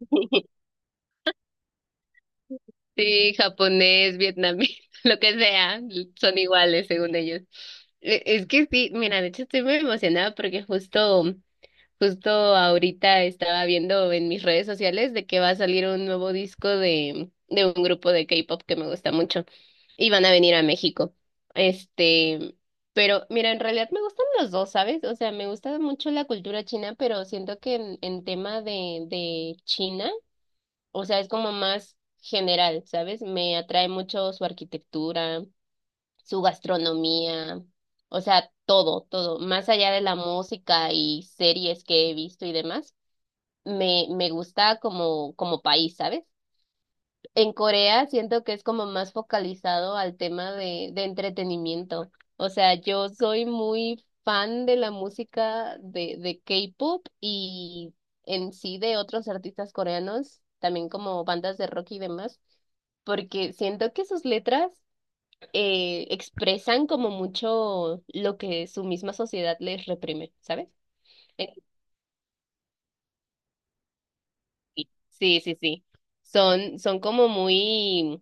Sí, japonés, vietnamita, lo que sea, son iguales según ellos. Es que sí, mira, de hecho estoy muy emocionada porque justo ahorita estaba viendo en mis redes sociales de que va a salir un nuevo disco de un grupo de K-pop que me gusta mucho y van a venir a México. Este, pero mira, en realidad me gustan los dos, ¿sabes? O sea, me gusta mucho la cultura china, pero siento que en tema de China. O sea, es como más general, ¿sabes? Me atrae mucho su arquitectura, su gastronomía, o sea, todo, todo. Más allá de la música y series que he visto y demás, me gusta como país, ¿sabes? En Corea siento que es como más focalizado al tema de entretenimiento. O sea, yo soy muy fan de la música de K-pop y en sí de otros artistas coreanos, también como bandas de rock y demás, porque siento que sus letras expresan como mucho lo que su misma sociedad les reprime, ¿sabes? Eh, Sí, sí, sí. Son como muy.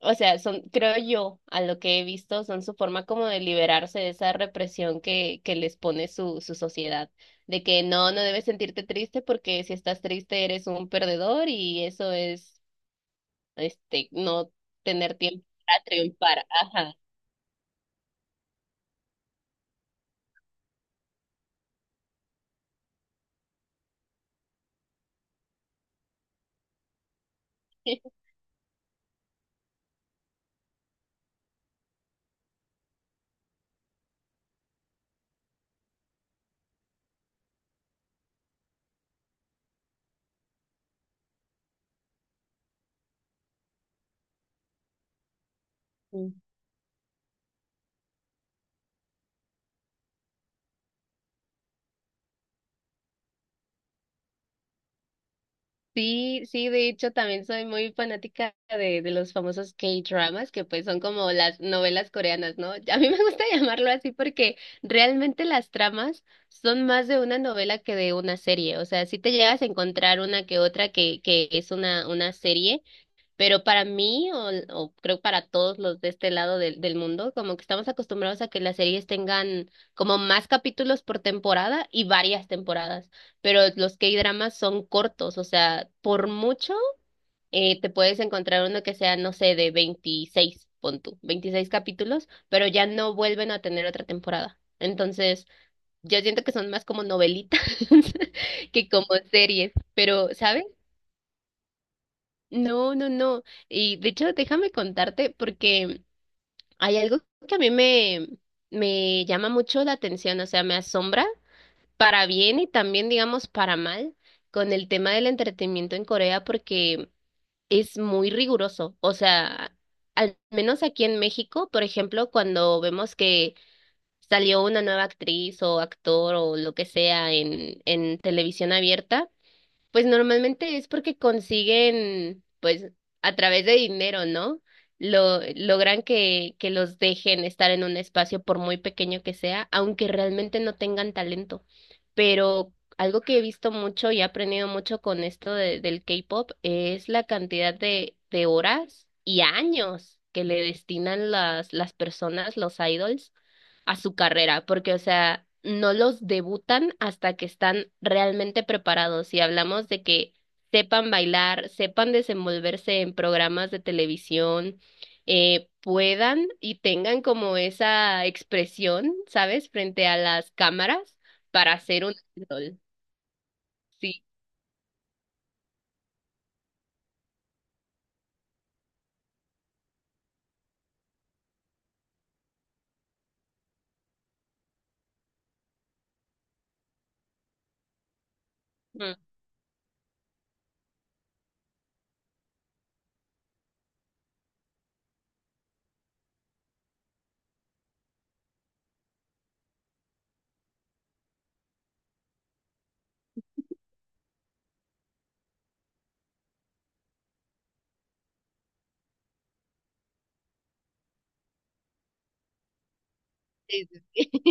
O sea, son, creo yo, a lo que he visto, son su forma como de liberarse de esa represión que les pone su sociedad, de que no, no debes sentirte triste porque si estás triste eres un perdedor y eso es, no tener tiempo para triunfar. Ajá. Sí, sí, de hecho también soy muy fanática de los famosos K-dramas, que pues son como las novelas coreanas, ¿no? A mí me gusta llamarlo así porque realmente las tramas son más de una novela que de una serie, o sea, sí te llegas a encontrar una que otra que es una serie, pero para mí, o creo para todos los de este lado del mundo, como que estamos acostumbrados a que las series tengan como más capítulos por temporada y varias temporadas, pero los K-dramas son cortos, o sea, por mucho te puedes encontrar uno que sea, no sé, de 26 pon tú, 26 capítulos, pero ya no vuelven a tener otra temporada. Entonces, yo siento que son más como novelitas que como series, pero, ¿sabes? No, no, no. Y de hecho, déjame contarte porque hay algo que a mí me llama mucho la atención, o sea, me asombra para bien y también, digamos, para mal con el tema del entretenimiento en Corea porque es muy riguroso. O sea, al menos aquí en México, por ejemplo, cuando vemos que salió una nueva actriz o actor o lo que sea en televisión abierta. Pues normalmente es porque consiguen, pues a través de dinero, ¿no? Logran que los dejen estar en un espacio por muy pequeño que sea, aunque realmente no tengan talento. Pero algo que he visto mucho y he aprendido mucho con esto del K-pop es la cantidad de horas y años que le destinan las personas, los idols a su carrera, porque, o sea, no los debutan hasta que están realmente preparados. Y hablamos de que sepan bailar, sepan desenvolverse en programas de televisión, puedan y tengan como esa expresión, ¿sabes?, frente a las cámaras para hacer un idol. Sí. Mm. Sí, sí,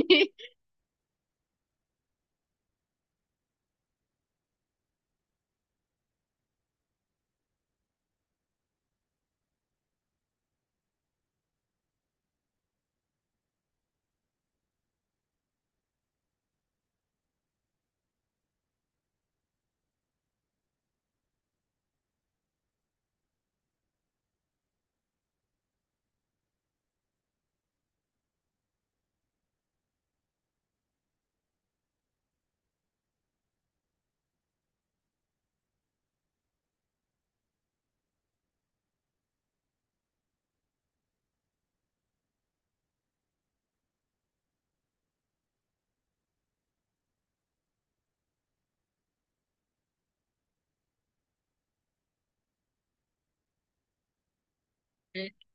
sí.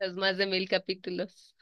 Los más de mil capítulos.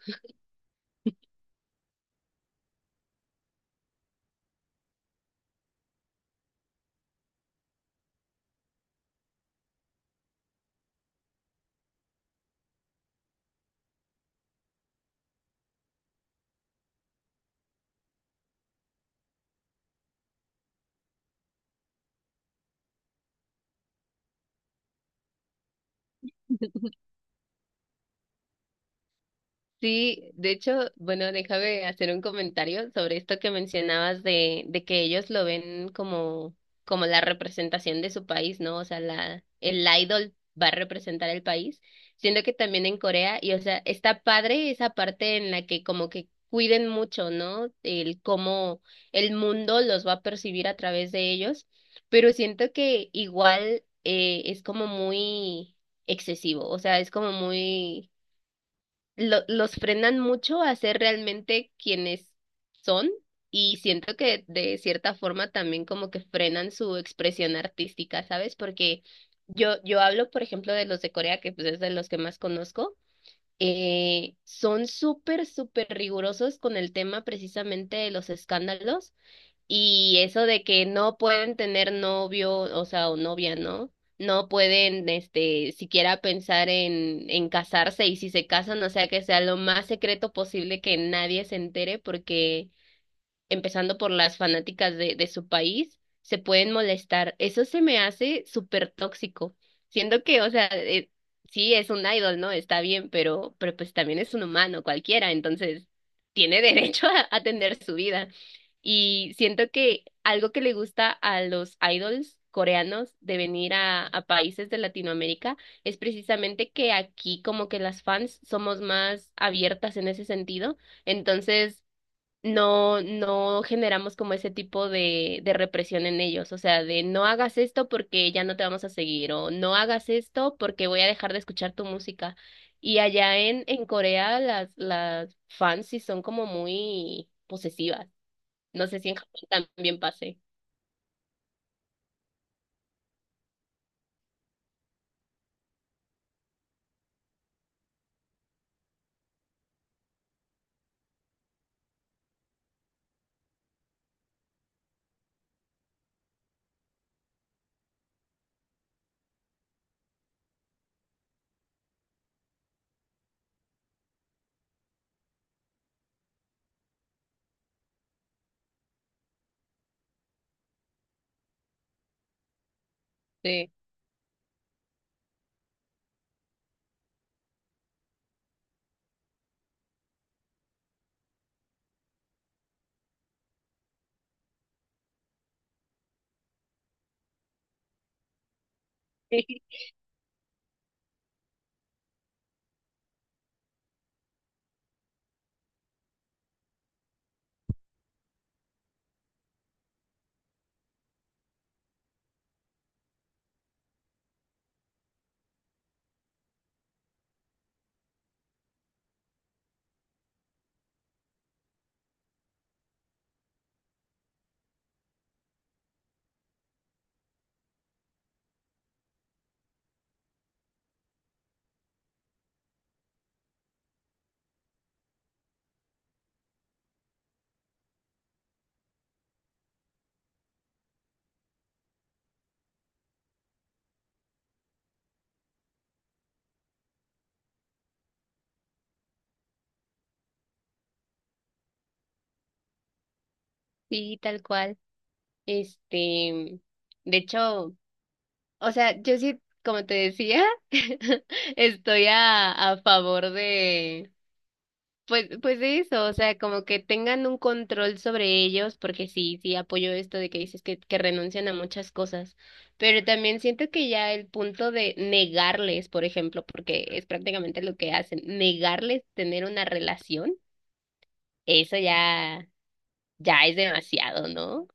Sí, de hecho, bueno, déjame hacer un comentario sobre esto que mencionabas de que ellos lo ven como, la representación de su país, ¿no? O sea, el idol va a representar el país, siendo que también en Corea, y o sea, está padre esa parte en la que como que cuiden mucho, ¿no? El cómo el mundo los va a percibir a través de ellos, pero siento que igual es como muy excesivo, o sea, es como muy. Los frenan mucho a ser realmente quienes son y siento que de cierta forma también como que frenan su expresión artística, ¿sabes? Porque yo hablo, por ejemplo, de los de Corea, que pues es de los que más conozco, son súper, súper rigurosos con el tema precisamente de los escándalos y eso de que no pueden tener novio, o sea, o novia, ¿no? No pueden, siquiera pensar en casarse y si se casan, o sea, que sea lo más secreto posible que nadie se entere porque empezando por las fanáticas de su país, se pueden molestar. Eso se me hace súper tóxico. Siendo que, o sea, sí es un idol, ¿no? Está bien, pero pues también es un humano cualquiera, entonces tiene derecho a tener su vida. Y siento que algo que le gusta a los idols coreanos de venir a países de Latinoamérica es precisamente que aquí como que las fans somos más abiertas en ese sentido. Entonces, no, no generamos como ese tipo de represión en ellos, o sea, de no hagas esto porque ya no te vamos a seguir, o no hagas esto porque voy a dejar de escuchar tu música. Y allá en Corea las fans sí son como muy posesivas. No sé si en Japón también pase. Sí. Sí, tal cual. Este, de hecho, o sea, yo sí, como te decía, estoy a favor de. Pues de eso, o sea, como que tengan un control sobre ellos, porque sí, sí apoyo esto de que dices que renuncian a muchas cosas, pero también siento que ya el punto de negarles, por ejemplo, porque es prácticamente lo que hacen, negarles tener una relación, eso ya, ya es demasiado, ¿no?